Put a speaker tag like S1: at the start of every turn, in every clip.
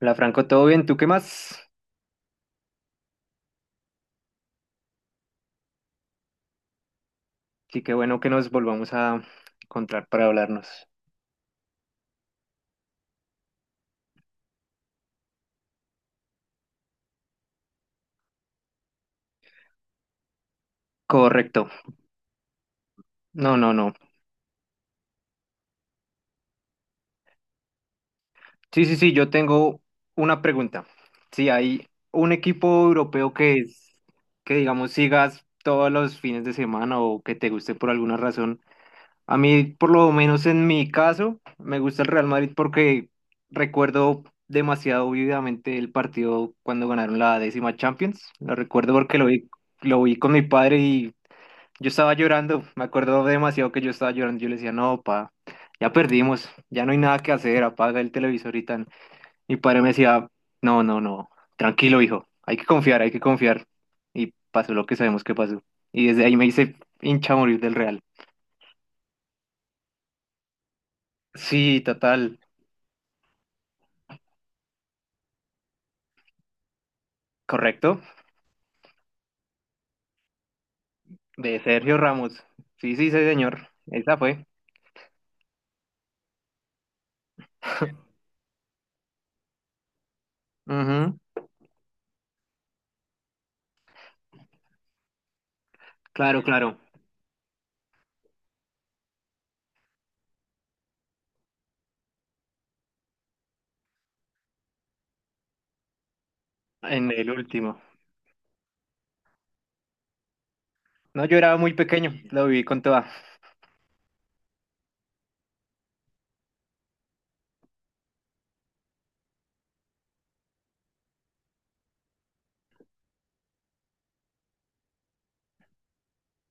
S1: Hola Franco, ¿todo bien? ¿Tú qué más? Sí, qué bueno que nos volvamos a encontrar para hablarnos. Correcto. No, no, no. Sí, sí, sí, yo tengo una pregunta. Si hay un equipo europeo que es, que digamos sigas todos los fines de semana o que te guste por alguna razón. A mí, por lo menos en mi caso, me gusta el Real Madrid porque recuerdo demasiado vividamente el partido cuando ganaron la décima Champions. Lo recuerdo porque lo vi con mi padre y yo estaba llorando, me acuerdo demasiado que yo estaba llorando. Yo le decía, no, pa, ya perdimos, ya no hay nada que hacer, apaga el televisor y tan. Mi padre me decía, no, no, no, tranquilo, hijo, hay que confiar, hay que confiar. Y pasó lo que sabemos que pasó. Y desde ahí me hice hincha a morir del Real. Sí, total, correcto, de Sergio Ramos. Sí, sí, sí, señor, esa fue. Ujú, claro, claro, en el último. No, yo era muy pequeño, lo viví con toda.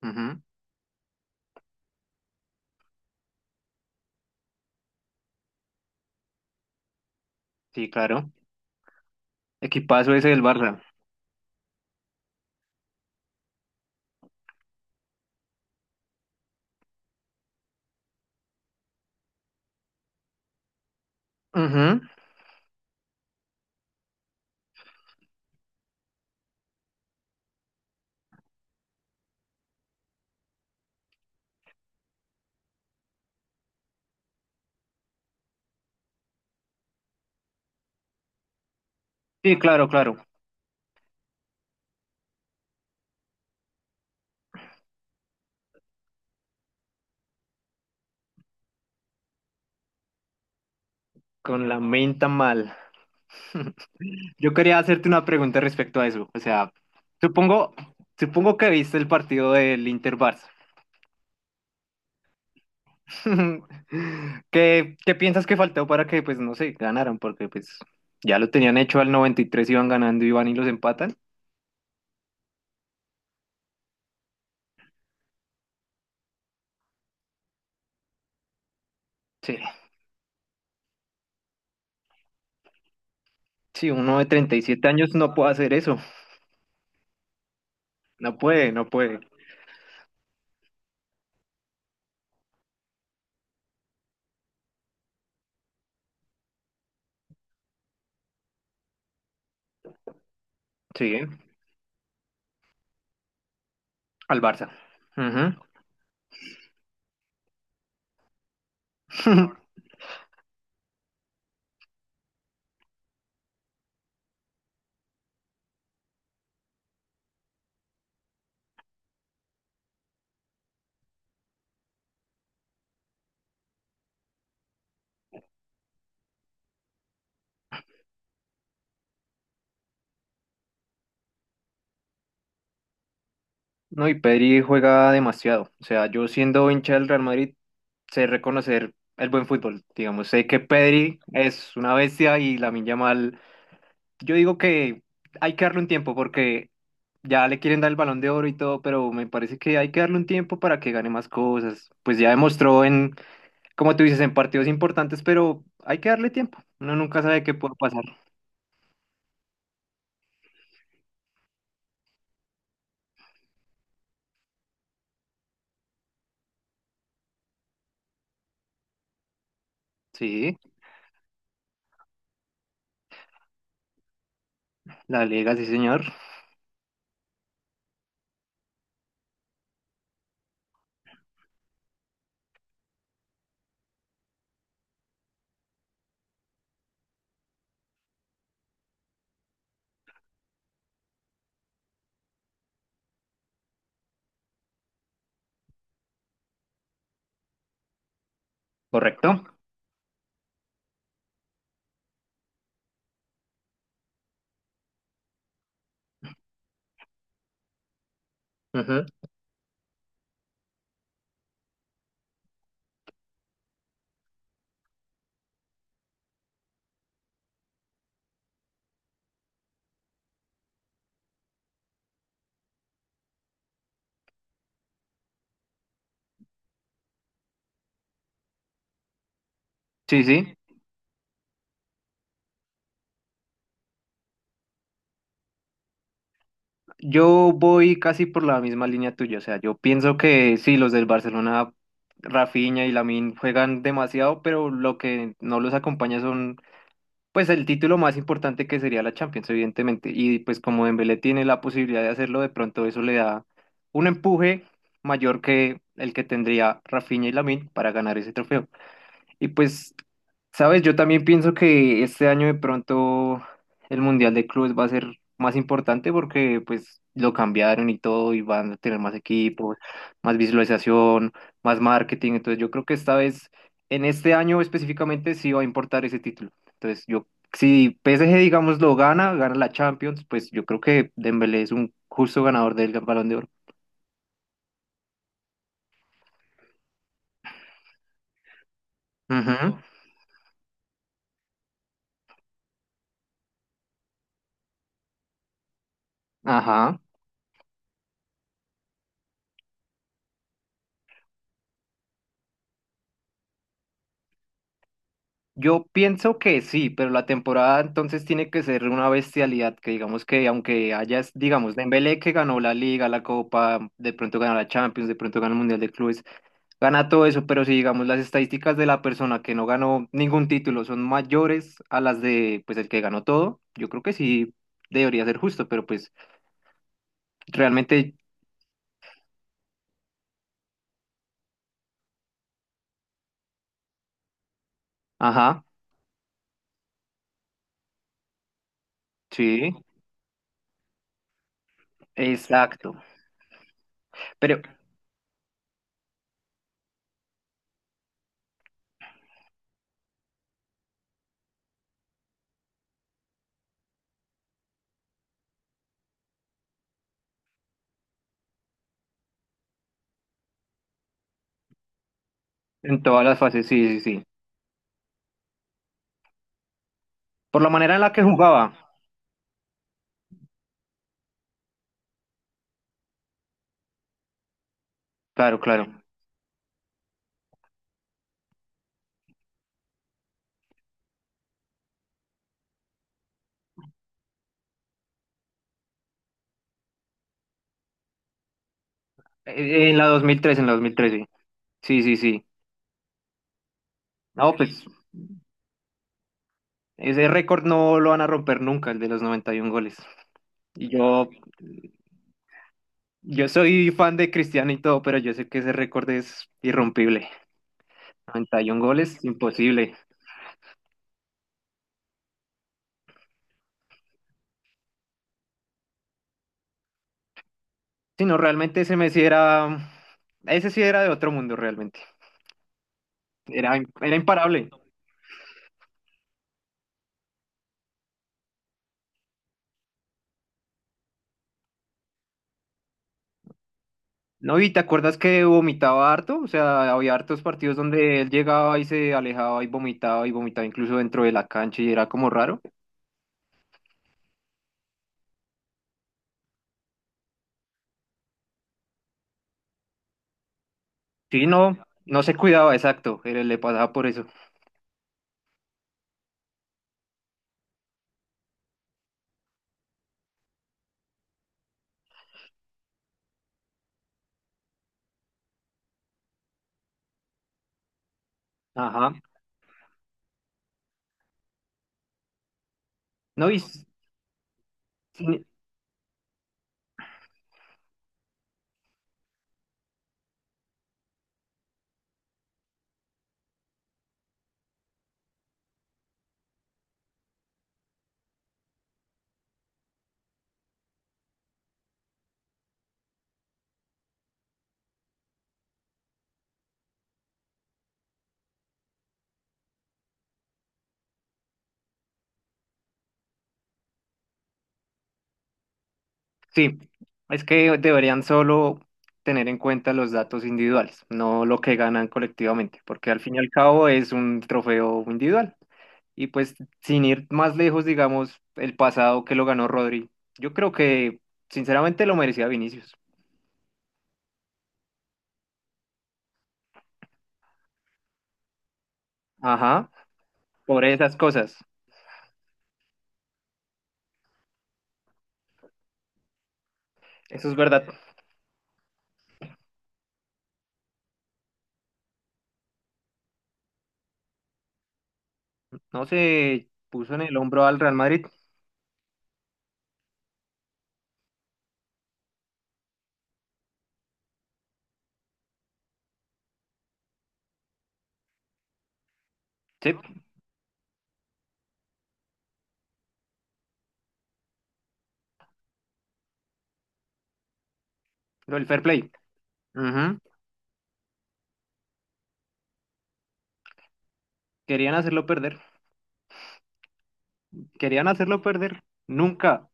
S1: Ujú, sí, claro, equipazo ese del Barça. Ujú. Sí, claro, claro. Con la menta mal. Yo quería hacerte una pregunta respecto a eso. O sea, supongo, supongo que viste el partido del Inter-Barça. ¿Qué, qué piensas que faltó para que, pues, no sé, ganaran? Porque, pues, ya lo tenían hecho al 93, iban ganando y van y los empatan. Sí, sí, uno de 37 años no puede hacer eso. No puede, no puede. Sí, al Barça. Ujú. No, y Pedri juega demasiado. O sea, yo siendo hincha del Real Madrid, sé reconocer el buen fútbol. Digamos, sé que Pedri es una bestia y Lamine Yamal. Yo digo que hay que darle un tiempo porque ya le quieren dar el Balón de Oro y todo, pero me parece que hay que darle un tiempo para que gane más cosas. Pues ya demostró en, como tú dices, en partidos importantes, pero hay que darle tiempo. Uno nunca sabe qué puede pasar. Sí, la Liga, sí, señor. Correcto. Ujú. Sí, sí. Yo voy casi por la misma línea tuya, o sea, yo pienso que sí, los del Barcelona, Rafinha y Lamine juegan demasiado, pero lo que no los acompaña son, pues, el título más importante que sería la Champions, evidentemente, y pues como Dembélé tiene la posibilidad de hacerlo, de pronto eso le da un empuje mayor que el que tendría Rafinha y Lamine para ganar ese trofeo. Y pues, sabes, yo también pienso que este año de pronto el Mundial de Clubes va a ser más importante porque pues lo cambiaron y todo y van a tener más equipos, más visualización, más marketing. Entonces yo creo que esta vez, en este año específicamente, sí va a importar ese título. Entonces yo, si PSG, digamos, lo gana, gana la Champions, pues yo creo que Dembélé es un justo ganador del Balón de Oro. Ujú, ajá. Yo pienso que sí, pero la temporada entonces tiene que ser una bestialidad, que digamos que aunque haya, digamos, Dembélé que ganó la Liga, la Copa, de pronto gana la Champions, de pronto gana el Mundial de Clubes, gana todo eso, pero si digamos las estadísticas de la persona que no ganó ningún título son mayores a las de pues el que ganó todo, yo creo que sí debería ser justo, pero pues realmente, ajá, sí, exacto, pero en todas las fases, sí, sí, sí, por la manera en la que jugaba, claro, claro. En la dos mil tres en la dos mil sí. Sí, sí, sí. No, pues ese récord no lo van a romper nunca, el de los 91 goles. Y yo soy fan de Cristiano y todo, pero yo sé que ese récord es irrompible. 91 goles, imposible. Sí, no, realmente ese Messi era, ese sí era de otro mundo realmente. Era, era imparable. No, y te acuerdas que vomitaba harto, o sea, había hartos partidos donde él llegaba y se alejaba y vomitaba incluso dentro de la cancha y era como raro. Sí, no, no se cuidaba, exacto, pero le pasaba por eso. Ajá. No, y s- sí, sí, es que deberían solo tener en cuenta los datos individuales, no lo que ganan colectivamente, porque al fin y al cabo es un trofeo individual. Y pues sin ir más lejos, digamos, el pasado que lo ganó Rodri, yo creo que sinceramente lo merecía Vinicius. Ajá, por esas cosas. Eso es verdad. No se puso en el hombro al Real Madrid. Sí, lo del fair play. Ujú. Querían hacerlo perder, querían hacerlo perder. Nunca.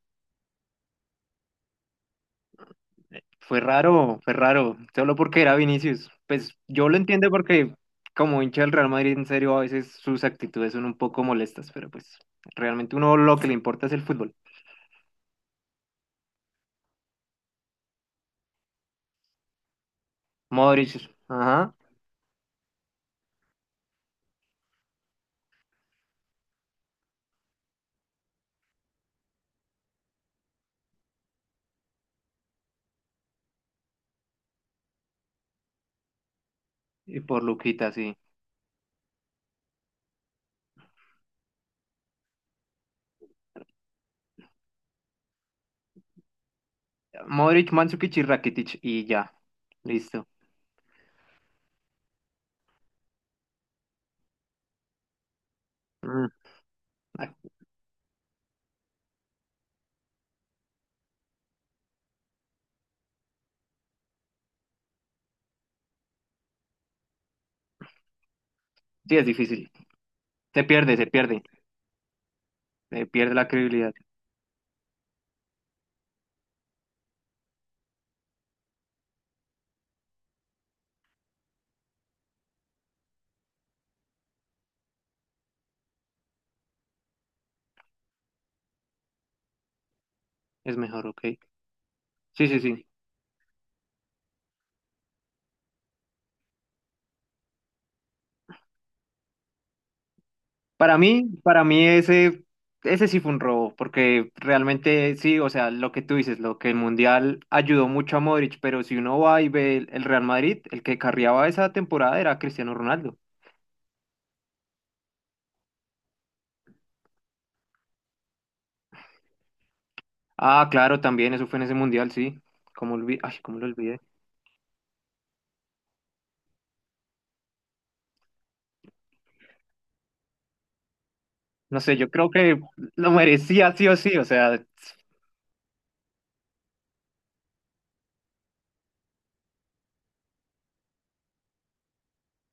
S1: Fue raro, fue raro. Solo porque era Vinicius. Pues yo lo entiendo porque como hincha del Real Madrid, en serio, a veces sus actitudes son un poco molestas, pero pues realmente uno lo que le importa es el fútbol. Modric, ajá. Y por Luquita, sí. Modric, Mandzukic y Rakitic y ya. Listo. Mm, ah, sí, es difícil. Se pierde, se pierde. Se pierde la credibilidad. Es mejor, ok. Sí, sí, sí. Para mí ese, ese sí fue un robo, porque realmente sí, o sea, lo que tú dices, lo que el Mundial ayudó mucho a Modric, pero si uno va y ve el Real Madrid, el que carriaba esa temporada era Cristiano Ronaldo. Ah, claro, también eso fue en ese Mundial, sí. Como olvi- Ay, cómo lo olvidé. No sé, yo creo que lo merecía sí o sí, o sea,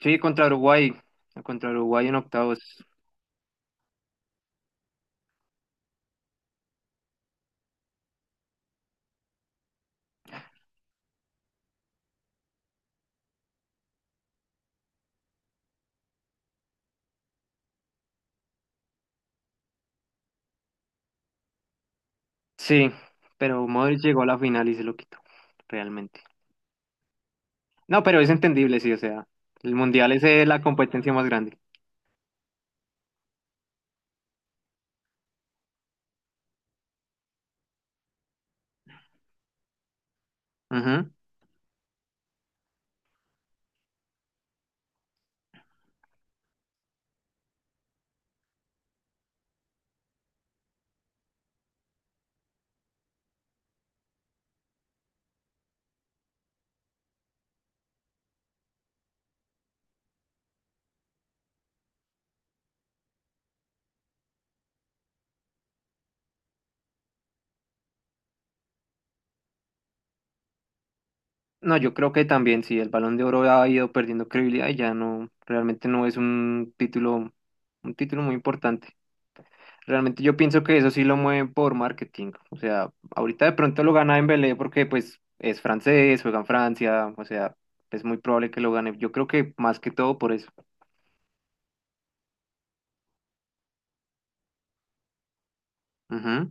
S1: sí, contra Uruguay en octavos, sí, pero Modric llegó a la final y se lo quitó, realmente. No, pero es entendible, sí, o sea, el mundial es la competencia más grande. Ujú. No, yo creo que también, sí, el Balón de Oro ha ido perdiendo credibilidad y ya no, realmente no es un título muy importante. Realmente yo pienso que eso sí lo mueven por marketing. O sea, ahorita de pronto lo gana Dembélé porque pues es francés, juega en Francia, o sea, es muy probable que lo gane. Yo creo que más que todo por eso. Ujú.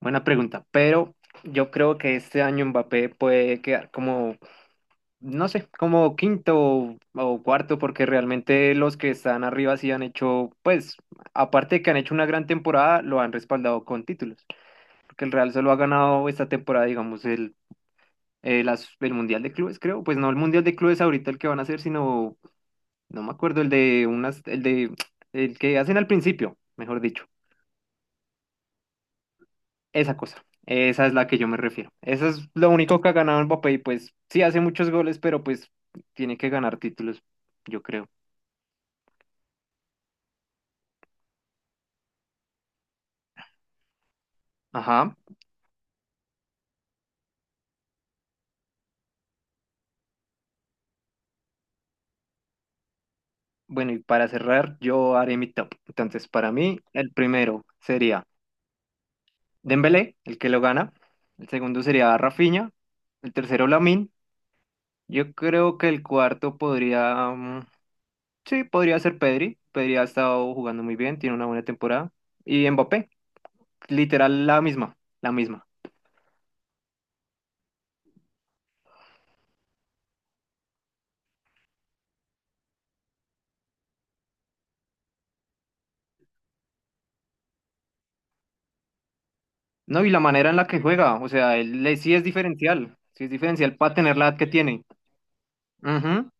S1: Buena pregunta, pero yo creo que este año Mbappé puede quedar como no sé, como quinto o cuarto, porque realmente los que están arriba sí han hecho, pues, aparte de que han hecho una gran temporada, lo han respaldado con títulos, porque el Real solo ha ganado esta temporada, digamos, el, las- el Mundial de Clubes, creo, pues no el Mundial de Clubes ahorita el que van a hacer, sino, no me acuerdo, el de unas, el de, el que hacen al principio, mejor dicho, esa cosa. Esa es la que yo me refiero. Eso es lo único que ha ganado Mbappé y pues sí hace muchos goles, pero pues tiene que ganar títulos, yo creo. Ajá. Bueno, y para cerrar, yo haré mi top. Entonces, para mí, el primero sería Dembélé, el que lo gana. El segundo sería Rafinha. El tercero, Lamine. Yo creo que el cuarto podría, mm, sí, podría ser Pedri. Pedri ha estado jugando muy bien, tiene una buena temporada. Y Mbappé, literal la misma, la misma. No, y la manera en la que juega, o sea, él sí es diferencial para tener la edad que tiene. Ujú,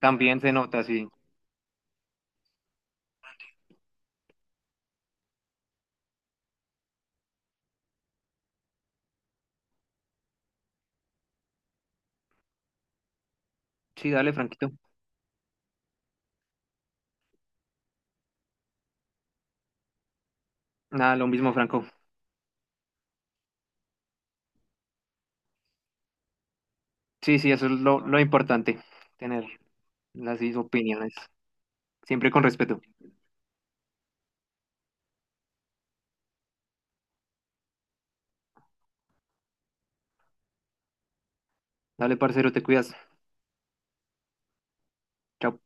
S1: también se nota, sí. Sí, dale, Franquito. Nada, lo mismo, Franco. Sí, sí, eso es lo importante, tener las opiniones, siempre con respeto. Dale, parcero, te cuidas. Chao.